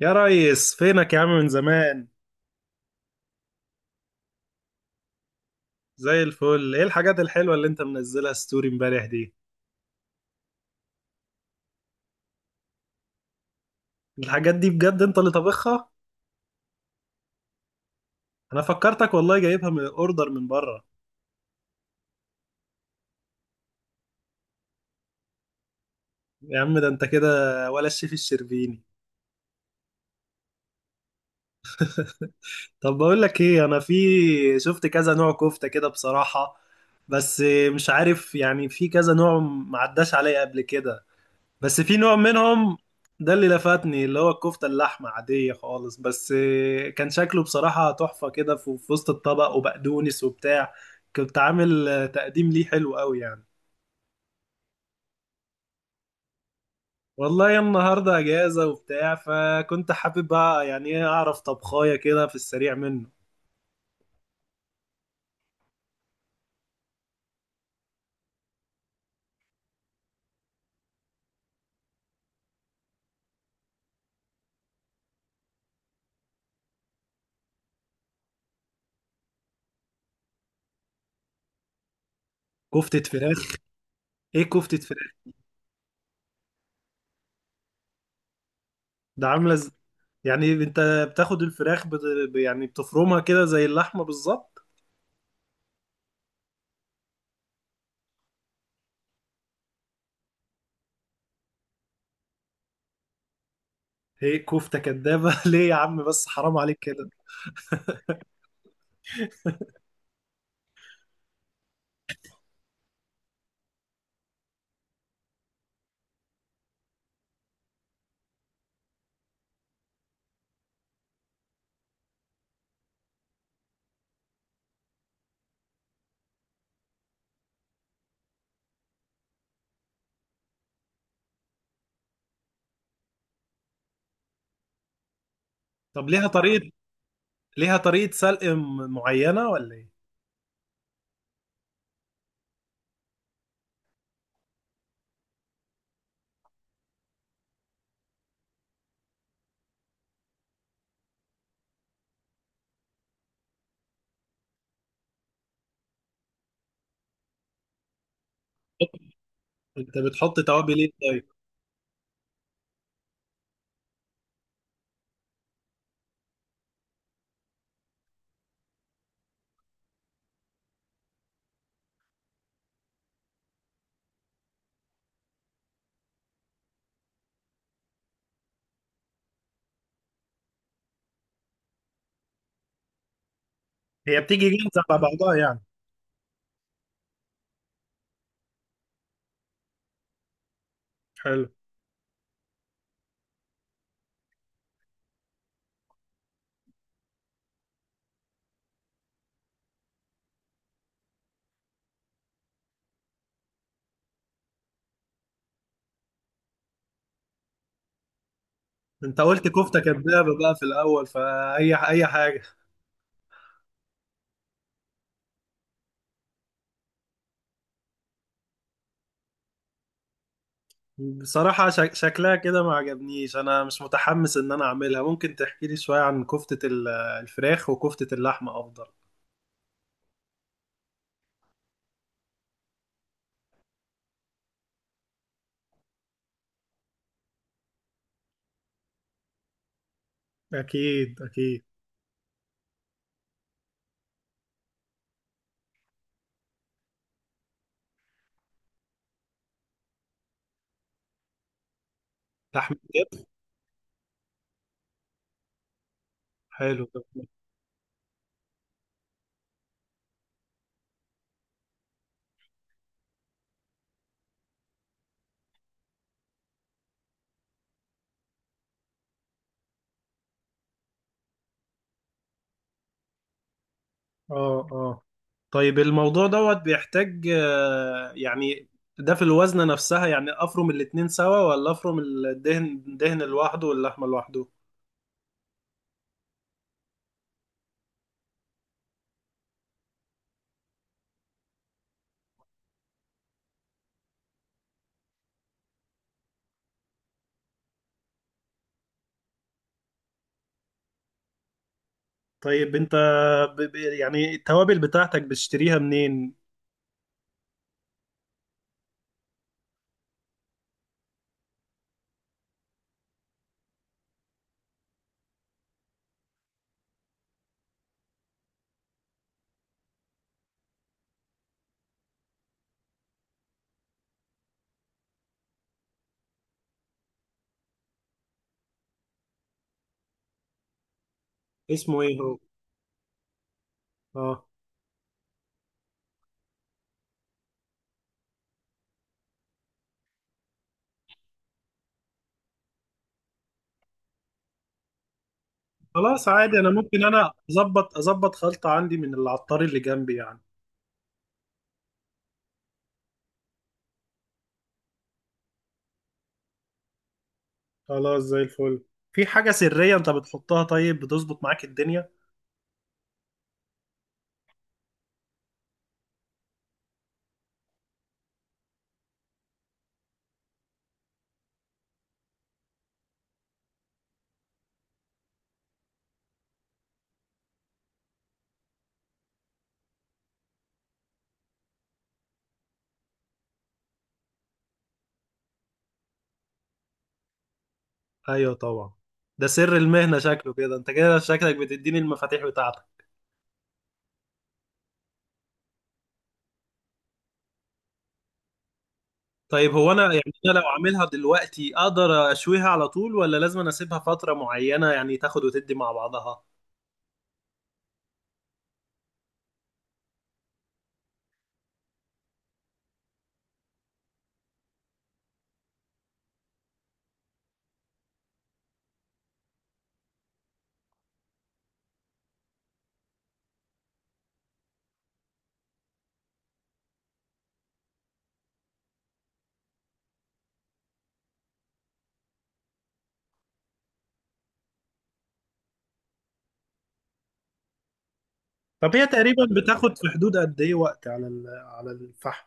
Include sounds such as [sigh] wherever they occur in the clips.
يا ريس، فينك يا عم من زمان؟ زي الفل. ايه الحاجات الحلوة اللي انت منزلها ستوري امبارح دي؟ الحاجات دي بجد انت اللي طبخها؟ انا فكرتك والله جايبها من اوردر من بره. يا عم ده انت كده ولا الشيف الشربيني؟ طب بقول لك ايه، انا في شفت كذا نوع كفتة كده بصراحة، بس مش عارف يعني، في كذا نوع معداش عليا قبل كده، بس في نوع منهم ده اللي لفتني، اللي هو الكفتة اللحمة عادية خالص، بس كان شكله بصراحة تحفة كده في وسط الطبق وبقدونس وبتاع. كنت عامل تقديم ليه حلو قوي يعني. والله النهاردة أجازة وبتاع، فكنت حابب بقى يعني إيه أعرف طبخاية كده في السريع منه. كفتة فراخ؟ إيه كفتة فراخ؟ ده عاملة يعني أنت بتاخد الفراخ يعني بتفرمها كده زي اللحمة بالظبط؟ هي كفتة كدابة. [laughs] ليه يا عم بس، حرام عليك كده. طب ليها طريقة، ليها طريقة سلق معينة ولا ايه؟ انت بتحط توابل ايه طيب؟ هي بتيجي جاهزة على بعضها يعني؟ حلو. انت قلت كفتة كدابة بقى في الأول، فأي أي حاجة؟ بصراحة شكلها كده ما عجبنيش، أنا مش متحمس إن أنا أعملها. ممكن تحكي لي شوية عن كفتة الفراخ، وكفتة اللحمة أفضل؟ أكيد أكيد. لحمة كتف. حلو. اه، اه. طيب الموضوع دوت بيحتاج يعني، ده في الوزنة نفسها يعني افرم الاتنين سوا، ولا افرم الدهن دهن لوحده واللحمة لوحده؟ طيب انت، يعني التوابل بتاعتك بتشتريها منين؟ اسمه ايه هو؟ اه. خلاص عادي، انا ممكن اظبط خلطة عندي من العطار اللي جنبي يعني. خلاص زي الفل. في حاجة سرية انت بتحطها طيب بتظبط معاك الدنيا؟ ايوه طبعا. ده سر المهنة شكله كده، انت كده شكلك بتديني المفاتيح بتاعتك. طيب هو انا، يعني انا لو عاملها دلوقتي اقدر اشويها على طول، ولا لازم أنا اسيبها فترة معينة يعني تاخد وتدي مع بعضها؟ طب هي تقريبا بتاخد في حدود قد ايه وقت على على الفحم؟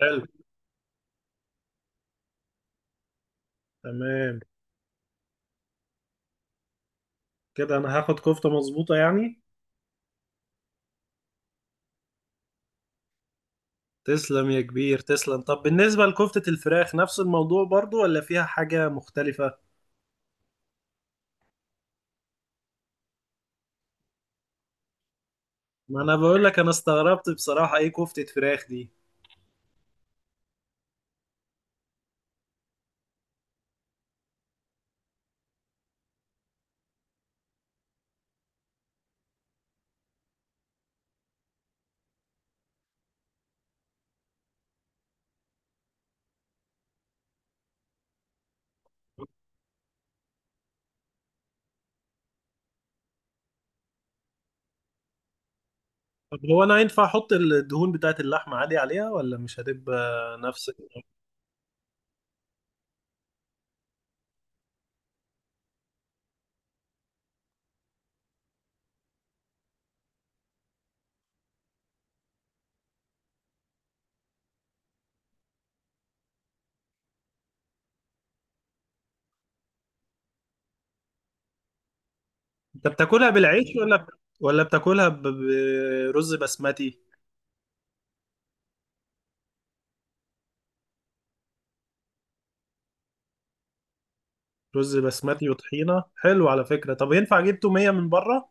حلو. تمام. كده انا هاخد كفتة مظبوطة يعني؟ تسلم يا كبير تسلم. طب بالنسبة لكفتة الفراخ نفس الموضوع برضو، ولا فيها حاجة مختلفة؟ ما انا بقول لك انا استغربت بصراحة، ايه كفتة فراخ دي؟ طب هو انا ينفع احط الدهون بتاعت اللحمة عادي عليها، ولا مش هتبقى نفس؟ انت بتاكلها بالعيش، ولا ولا بتاكلها برز بسمتي؟ رز بسمتي وطحينه، حلو على فكره. طب ينفع اجيب توميه من بره؟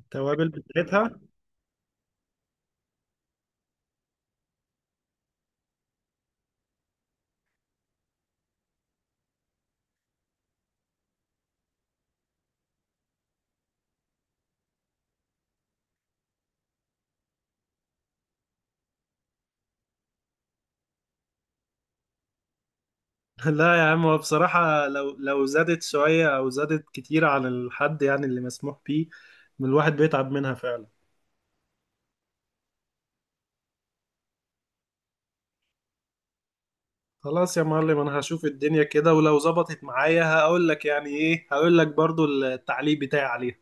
التوابل بتاعتها؟ [laughs] لا يا عم، هو بصراحه لو زادت شويه او زادت كتير عن الحد يعني اللي مسموح بيه من الواحد، بيتعب منها فعلا. خلاص يا معلم، انا هشوف الدنيا كده، ولو ظبطت معايا هقول لك يعني ايه، هقول لك برضو التعليق بتاعي عليها.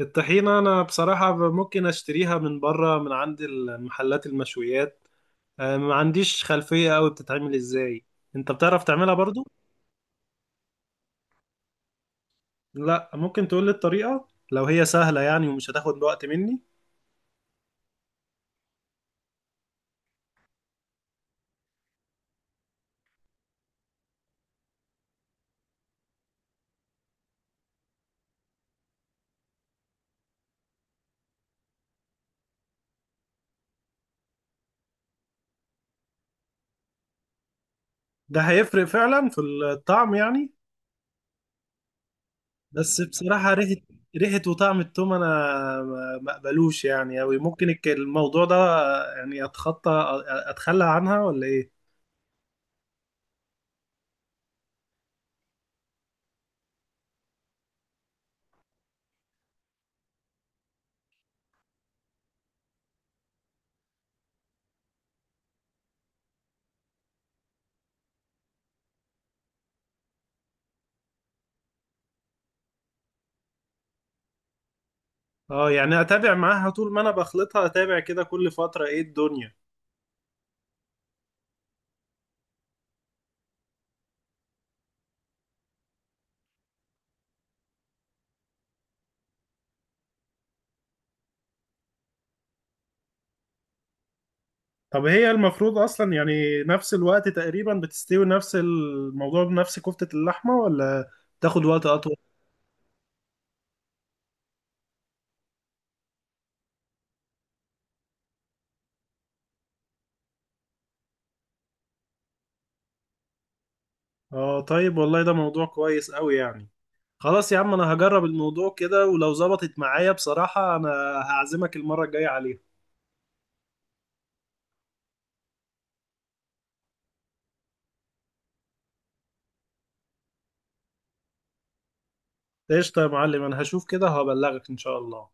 الطحينه انا بصراحه ممكن اشتريها من بره، من عند المحلات المشويات. ما عنديش خلفية قوي بتتعمل ازاي. انت بتعرف تعملها برضو؟ لا، ممكن تقول لي الطريقة لو هي سهلة يعني ومش هتاخد وقت مني. ده هيفرق فعلا في الطعم يعني؟ بس بصراحة، ريحة وطعم التوم انا ما اقبلوش يعني قوي، ممكن الموضوع ده يعني اتخطى اتخلى عنها ولا ايه؟ اه، يعني اتابع معاها طول ما انا بخلطها، اتابع كده كل فترة ايه الدنيا؟ طب هي المفروض اصلا يعني نفس الوقت تقريبا بتستوي نفس الموضوع بنفس كفتة اللحمة، ولا تاخد وقت اطول؟ اه طيب، والله ده موضوع كويس قوي يعني. خلاص يا عم، انا هجرب الموضوع كده، ولو ظبطت معايا بصراحة انا هعزمك المرة الجاية عليها. قشطة يا معلم، انا هشوف كده وهبلغك ان شاء الله.